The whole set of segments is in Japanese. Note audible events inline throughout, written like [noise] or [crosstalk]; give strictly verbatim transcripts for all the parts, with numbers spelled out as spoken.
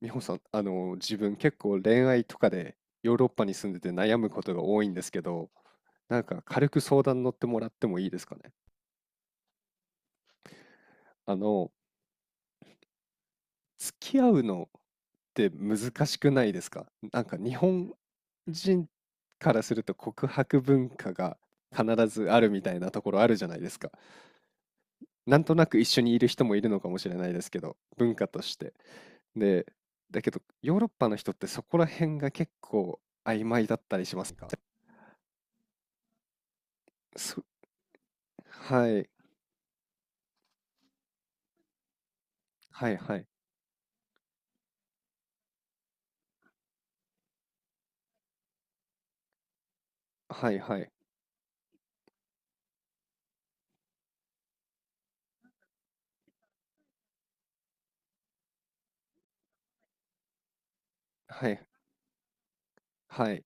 美穂さん、あの、自分結構恋愛とかでヨーロッパに住んでて悩むことが多いんですけど、なんか軽く相談乗ってもらってもいいですかね。あの、付き合うのって難しくないですか？なんか日本人からすると告白文化が必ずあるみたいなところあるじゃないですか。なんとなく一緒にいる人もいるのかもしれないですけど、文化として。で、だけどヨーロッパの人ってそこら辺が結構曖昧だったりしますか？そはい。はいはい。はいはい。はい。はい。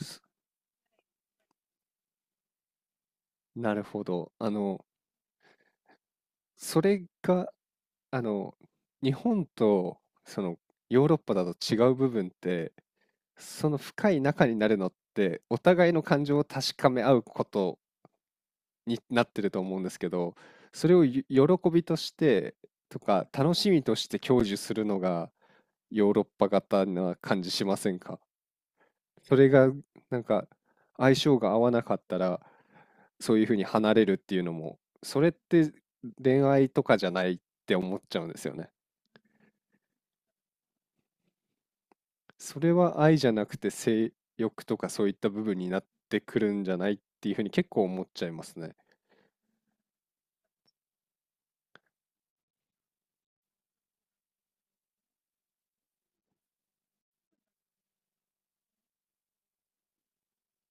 すなるほど。あの、それが、あの、日本と、その、ヨーロッパだと違う部分って、その深い仲になるのって、お互いの感情を確かめ合うことになってると思うんですけど、それをゆ喜びとして、とか、楽しみとして享受するのが、ヨーロッパ型な感じしませんか？それがなんか相性が合わなかったらそういうふうに離れるっていうのもそれって恋愛とかじゃないって思っちゃうんですよね。それは愛じゃなくて性欲とかそういった部分になってくるんじゃないっていうふうに結構思っちゃいますね。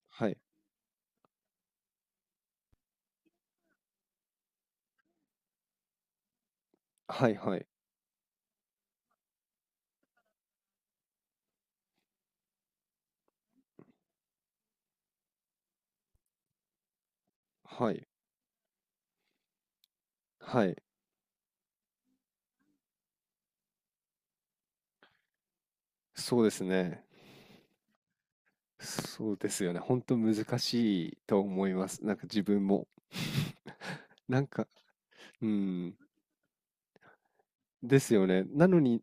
はい。はいはい。はい。はい。そうですね。そうですよね。本当難しいと思います。なんか自分も。[laughs] なんか、うん、ですよね。なのに、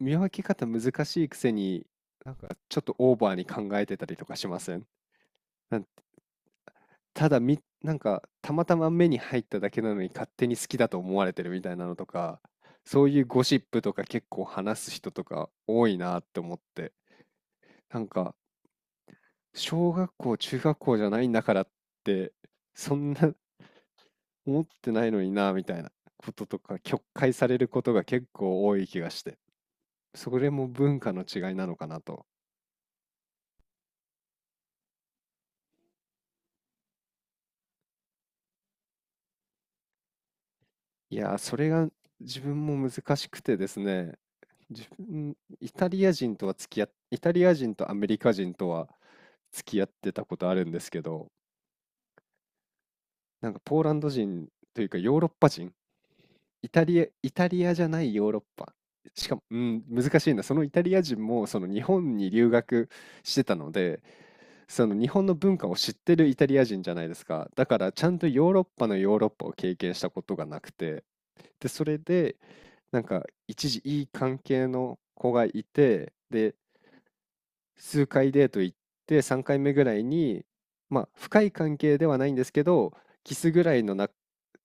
見分け方難しいくせに、なんかちょっとオーバーに考えてたりとかしません？なんただみなんかたまたま目に入っただけなのに勝手に好きだと思われてるみたいなのとか、そういうゴシップとか結構話す人とか多いなって思って、なんか小学校、中学校じゃないんだからって、そんな思ってないのになみたいなこととか曲解されることが結構多い気がしてそれも文化の違いなのかなと。いやー、それが自分も難しくてですね、自分イタリア人とは付き合っイタリア人とアメリカ人とは付き合ってたことあるんですけど、なんかポーランド人というかヨーロッパ人、イタリア、イタリアじゃないヨーロッパ。しかも、うん、難しいな。そのイタリア人も、その日本に留学してたので、その日本の文化を知ってるイタリア人じゃないですか。だからちゃんとヨーロッパのヨーロッパを経験したことがなくて、で、それでなんか一時いい関係の子がいて、で、数回デート行ってさんかいめぐらいに、まあ、深い関係ではないんですけどキスぐらいのな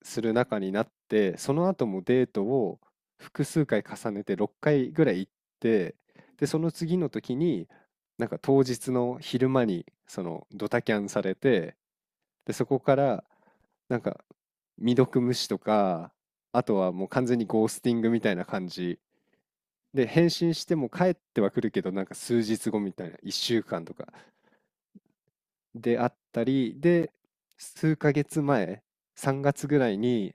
する仲になって、その後もデートを複数回重ねてろっかいぐらい行って、でその次の時になんか当日の昼間にそのドタキャンされて、でそこからなんか未読無視とか、あとはもう完全にゴースティングみたいな感じで、返信しても帰ってはくるけど、なんか数日後みたいな、いっしゅうかんとかであったり、で、数ヶ月前、さんがつぐらいに、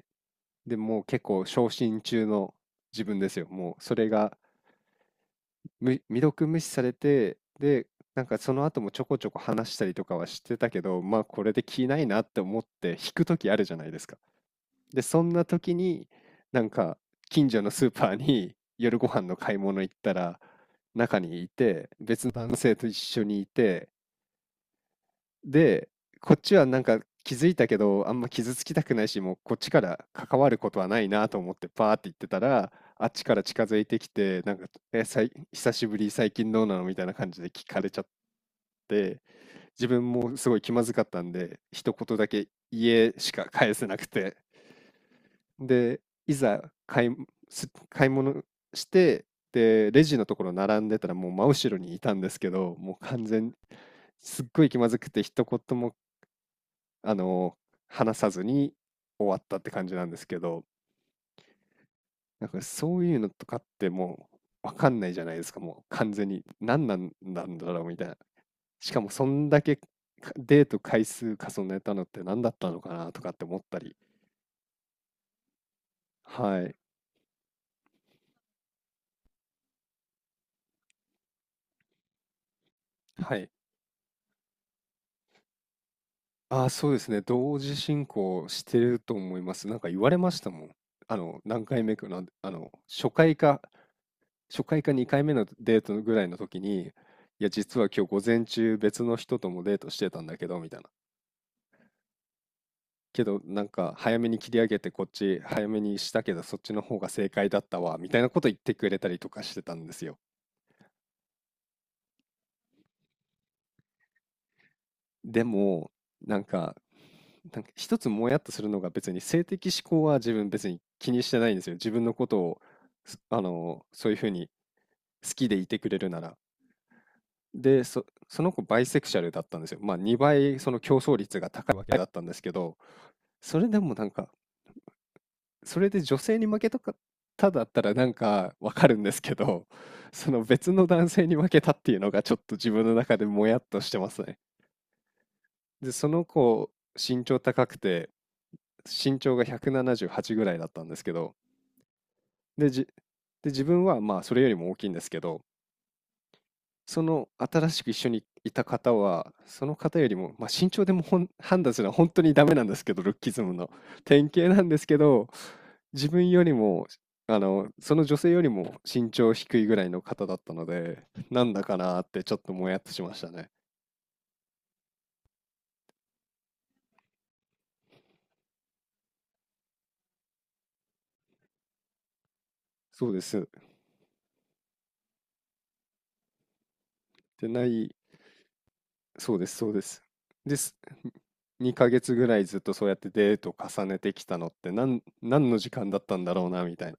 でもう結構昇進中の自分ですよ。もうそれがむ未読無視されて、で、なんかその後もちょこちょこ話したりとかはしてたけど、まあこれで気ないなって思って引く時あるじゃないですか。で、そんな時に、なんか、近所のスーパーに [laughs] 夜ご飯の買い物行ったら、中にいて、別の男性と一緒にいて、で、こっちはなんか気づいたけど、あんま傷つきたくないし、もうこっちから関わることはないなと思ってパーって言ってたら、あっちから近づいてきて、なんか、え、さい久しぶり、最近どうなのみたいな感じで聞かれちゃって、自分もすごい気まずかったんで、一言だけ、家しか返せなくて、で、いざ買いす買い物して、で、レジのところ並んでたらもう真後ろにいたんですけど、もう完全すっごい気まずくて一言も、あの、話さずに終わったって感じなんですけど、なんかそういうのとかってもうわかんないじゃないですか、もう完全に。何なんなんだろうみたいな。しかもそんだけか、デート回数重ねたのって何だったのかなとかって思ったり。はい。はい。ああ、そうですね。同時進行してると思います。なんか言われましたもん。あの、何回目かなん、あの、初回か、初回かにかいめのデートぐらいの時に、いや、実は今日午前中別の人ともデートしてたんだけど、みたいな。けど、なんか早めに切り上げてこっち早めにしたけど、そっちの方が正解だったわ、みたいなこと言ってくれたりとかしてたんですよ。でも、なんか、なんか一つもやっとするのが、別に性的指向は自分別に気にしてないんですよ。自分のことを、すあの、そういうふうに好きでいてくれるなら。で、そ、その子バイセクシャルだったんですよ。まあにばいその競争率が高いわけだったんですけど、それでもなんか、それで女性に負けたかっただったらなんかわかるんですけど、その別の男性に負けたっていうのがちょっと自分の中でもやっとしてますね。で、その子身長高くて、身長がひゃくななじゅうはちぐらいだったんですけど、で、じ、で、自分はまあそれよりも大きいんですけど、その新しく一緒にいた方は、その方よりも、まあ身長でもほん判断するのは本当にダメなんですけど、ルッキズムの典型なんですけど、自分よりも、あの、その女性よりも身長低いぐらいの方だったので、なんだかなーってちょっともやっとしましたね。そうです。で、ない、そうです、そうです。です。にかげつぐらいずっとそうやってデートを重ねてきたのって、何、何の時間だったんだろうなみたいな。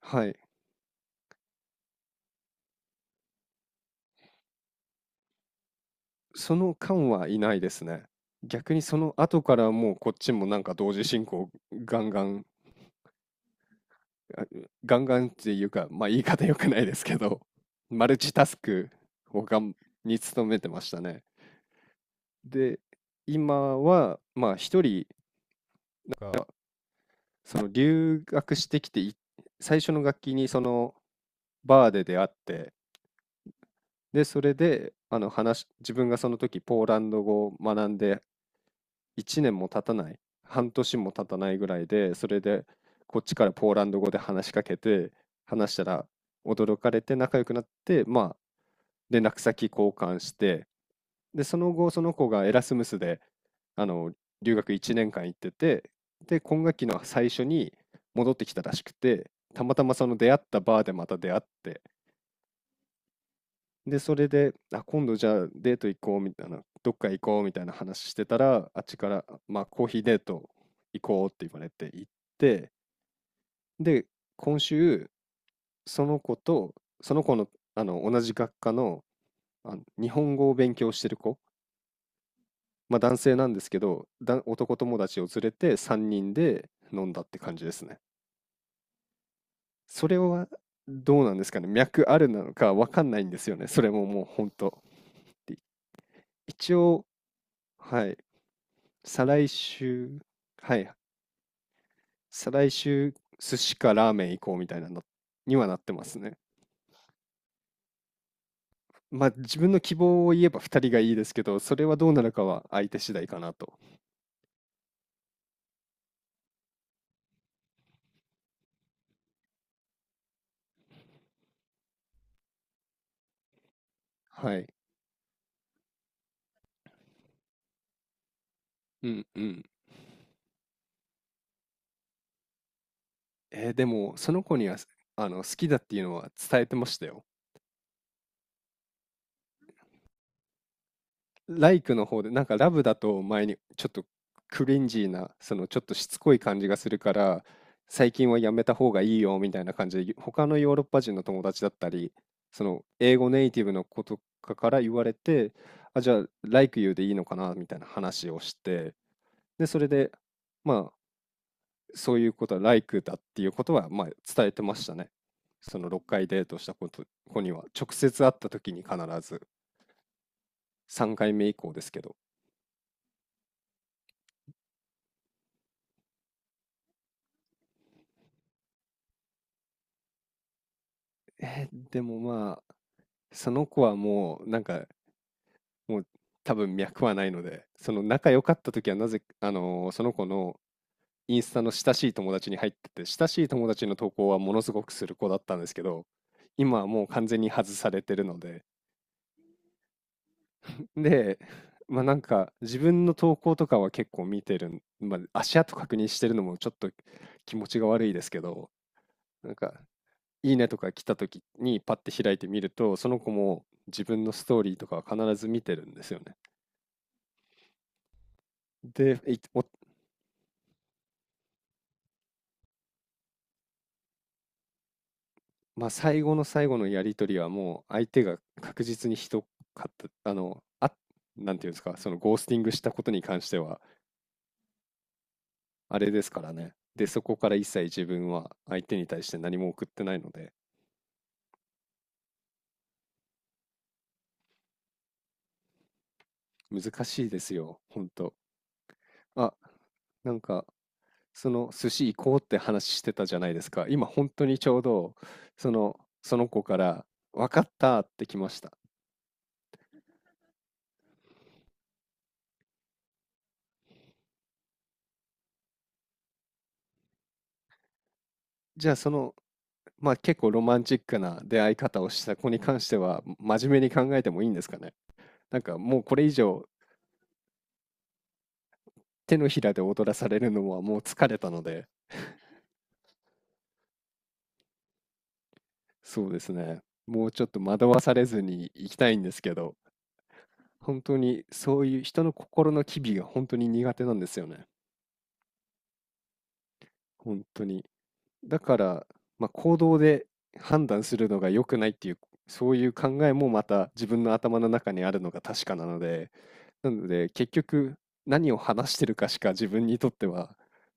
はい。その間はいないですね。逆にその後からもうこっちもなんか同時進行ガンガン、あガンガンっていうか、まあ言い方良くないですけど、マルチタスクをがんに努めてましたね。で、今はまあ一人、が、その留学してきてい、最初の楽器にそのバーで出会って、で、それで、あの、話し自分がその時ポーランド語を学んで1年も経たない、半年も経たないぐらいで、それでこっちからポーランド語で話しかけて、話したら驚かれて仲良くなって、まあ、連絡先交換して、で、その後、その子がエラスムスで、あの、留学いちねんかん行ってて、で、今学期の最初に戻ってきたらしくて、たまたまその出会ったバーでまた出会って、で、それで、あ、今度じゃあデート行こうみたいな、どっか行こうみたいな話してたら、あっちから、まあコーヒーデート行こうって言われて行って、で、今週、その子と、その子の、あの、同じ学科の、あの日本語を勉強してる子、まあ男性なんですけど、だ、男友達を連れてさんにんで飲んだって感じですね。それはどうなんですかね、脈あるなのかわかんないんですよね、それももう本当。で一応、はい、再来週、はい、再来週、寿司かラーメン行こうみたいなのにはなってますね。まあ自分の希望を言えばふたりがいいですけど、それはどうなるかは相手次第かなと。はい。うんうん。えーでも、その子には、あの、好きだっていうのは伝えてましたよ。ライクの方で、なんかラブだと前にちょっとクリンジーな、そのちょっとしつこい感じがするから、最近はやめた方がいいよみたいな感じで、他のヨーロッパ人の友達だったり、その英語ネイティブの子とかから言われて、あ、じゃあ、like you でいいのかなみたいな話をして、で、それで、まあ、そういうことは like だっていうことは、まあ、伝えてましたね。そのろっかいデートしたこと、子には、直接会った時に必ず、さんかいめ以降ですけど。えーでもまあ、その子はもう、なんか、もう多分脈はないので、その仲良かった時はなぜ、あのーその子のインスタの親しい友達に入ってて、親しい友達の投稿はものすごくする子だったんですけど、今はもう完全に外されてるので、で、まあなんか自分の投稿とかは結構見てるん、まあ足跡確認してるのもちょっと気持ちが悪いですけど、なんかいいねとか来た時にパッて開いてみると、その子も自分のストーリーとかは必ず見てるんですよね。で、いおまあ、最後の最後のやり取りはもう相手が確実にひどかった、あの、あ、なんていうんですか、そのゴースティングしたことに関しては、あれですからね。で、そこから一切自分は相手に対して何も送ってないので、難しいですよ、ほんと。あ、なんかその寿司行こうって話してたじゃないですか。今本当にちょうどそのその子から分かったって来ました。じゃあその、まあ結構ロマンチックな出会い方をした子に関しては真面目に考えてもいいんですかね。なんかもうこれ以上手のひらで踊らされるのはもう疲れたので、そうですね。もうちょっと惑わされずに行きたいんですけど、本当にそういう人の心の機微が本当に苦手なんですよね。本当に。だから、まあ、行動で判断するのが良くないっていう、そういう考えもまた自分の頭の中にあるのが確かなので、なので結局何を話してるかしか自分にとっては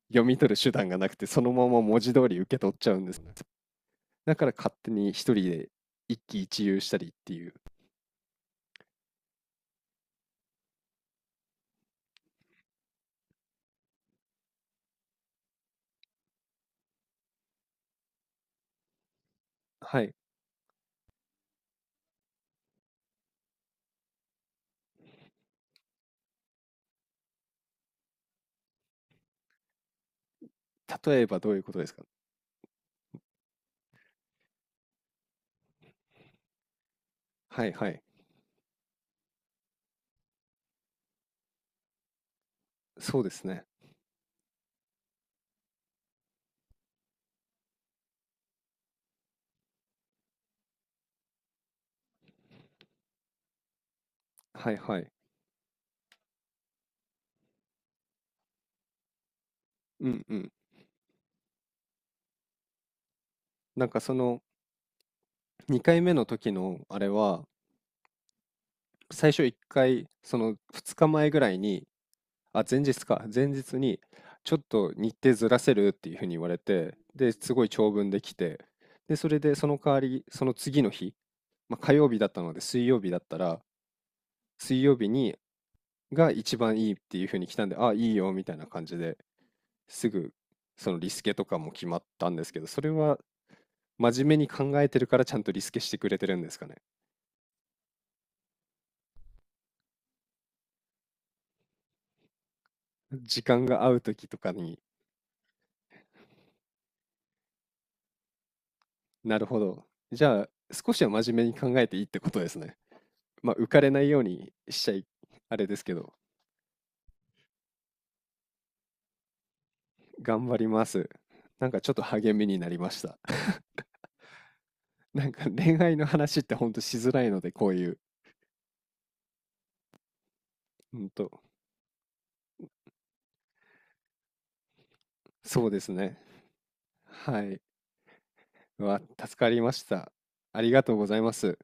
読み取る手段がなくて、そのまま文字通り受け取っちゃうんですね。だから勝手に一人で一喜一憂したりっていう。はい。例えばどういうことですか？はいはい。そうですね。はいはい。うんうん。なんかそのにかいめの時のあれは、最初いっかい、そのふつかまえぐらいに、あ、前日か、前日に、ちょっと日程ずらせるっていうふうに言われて、で、すごい長文できて、で、それでその代わり、その次の日、まあ、火曜日だったので、水曜日だったら、水曜日にが一番いいっていうふうに来たんで、あ、いいよみたいな感じですぐ、そのリスケとかも決まったんですけど、それは真面目に考えてるからちゃんとリスケしてくれてるんですかね。時間が合う時とかに、なるほど。じゃあ、少しは真面目に考えていいってことですね。まあ、浮かれないようにしちゃい、あれですけど、頑張ります。なんかちょっと励みになりました。[laughs] なんか恋愛の話ってほんとしづらいので、こういう。うんと、そうですね。はい。うわ、助かりました。ありがとうございます。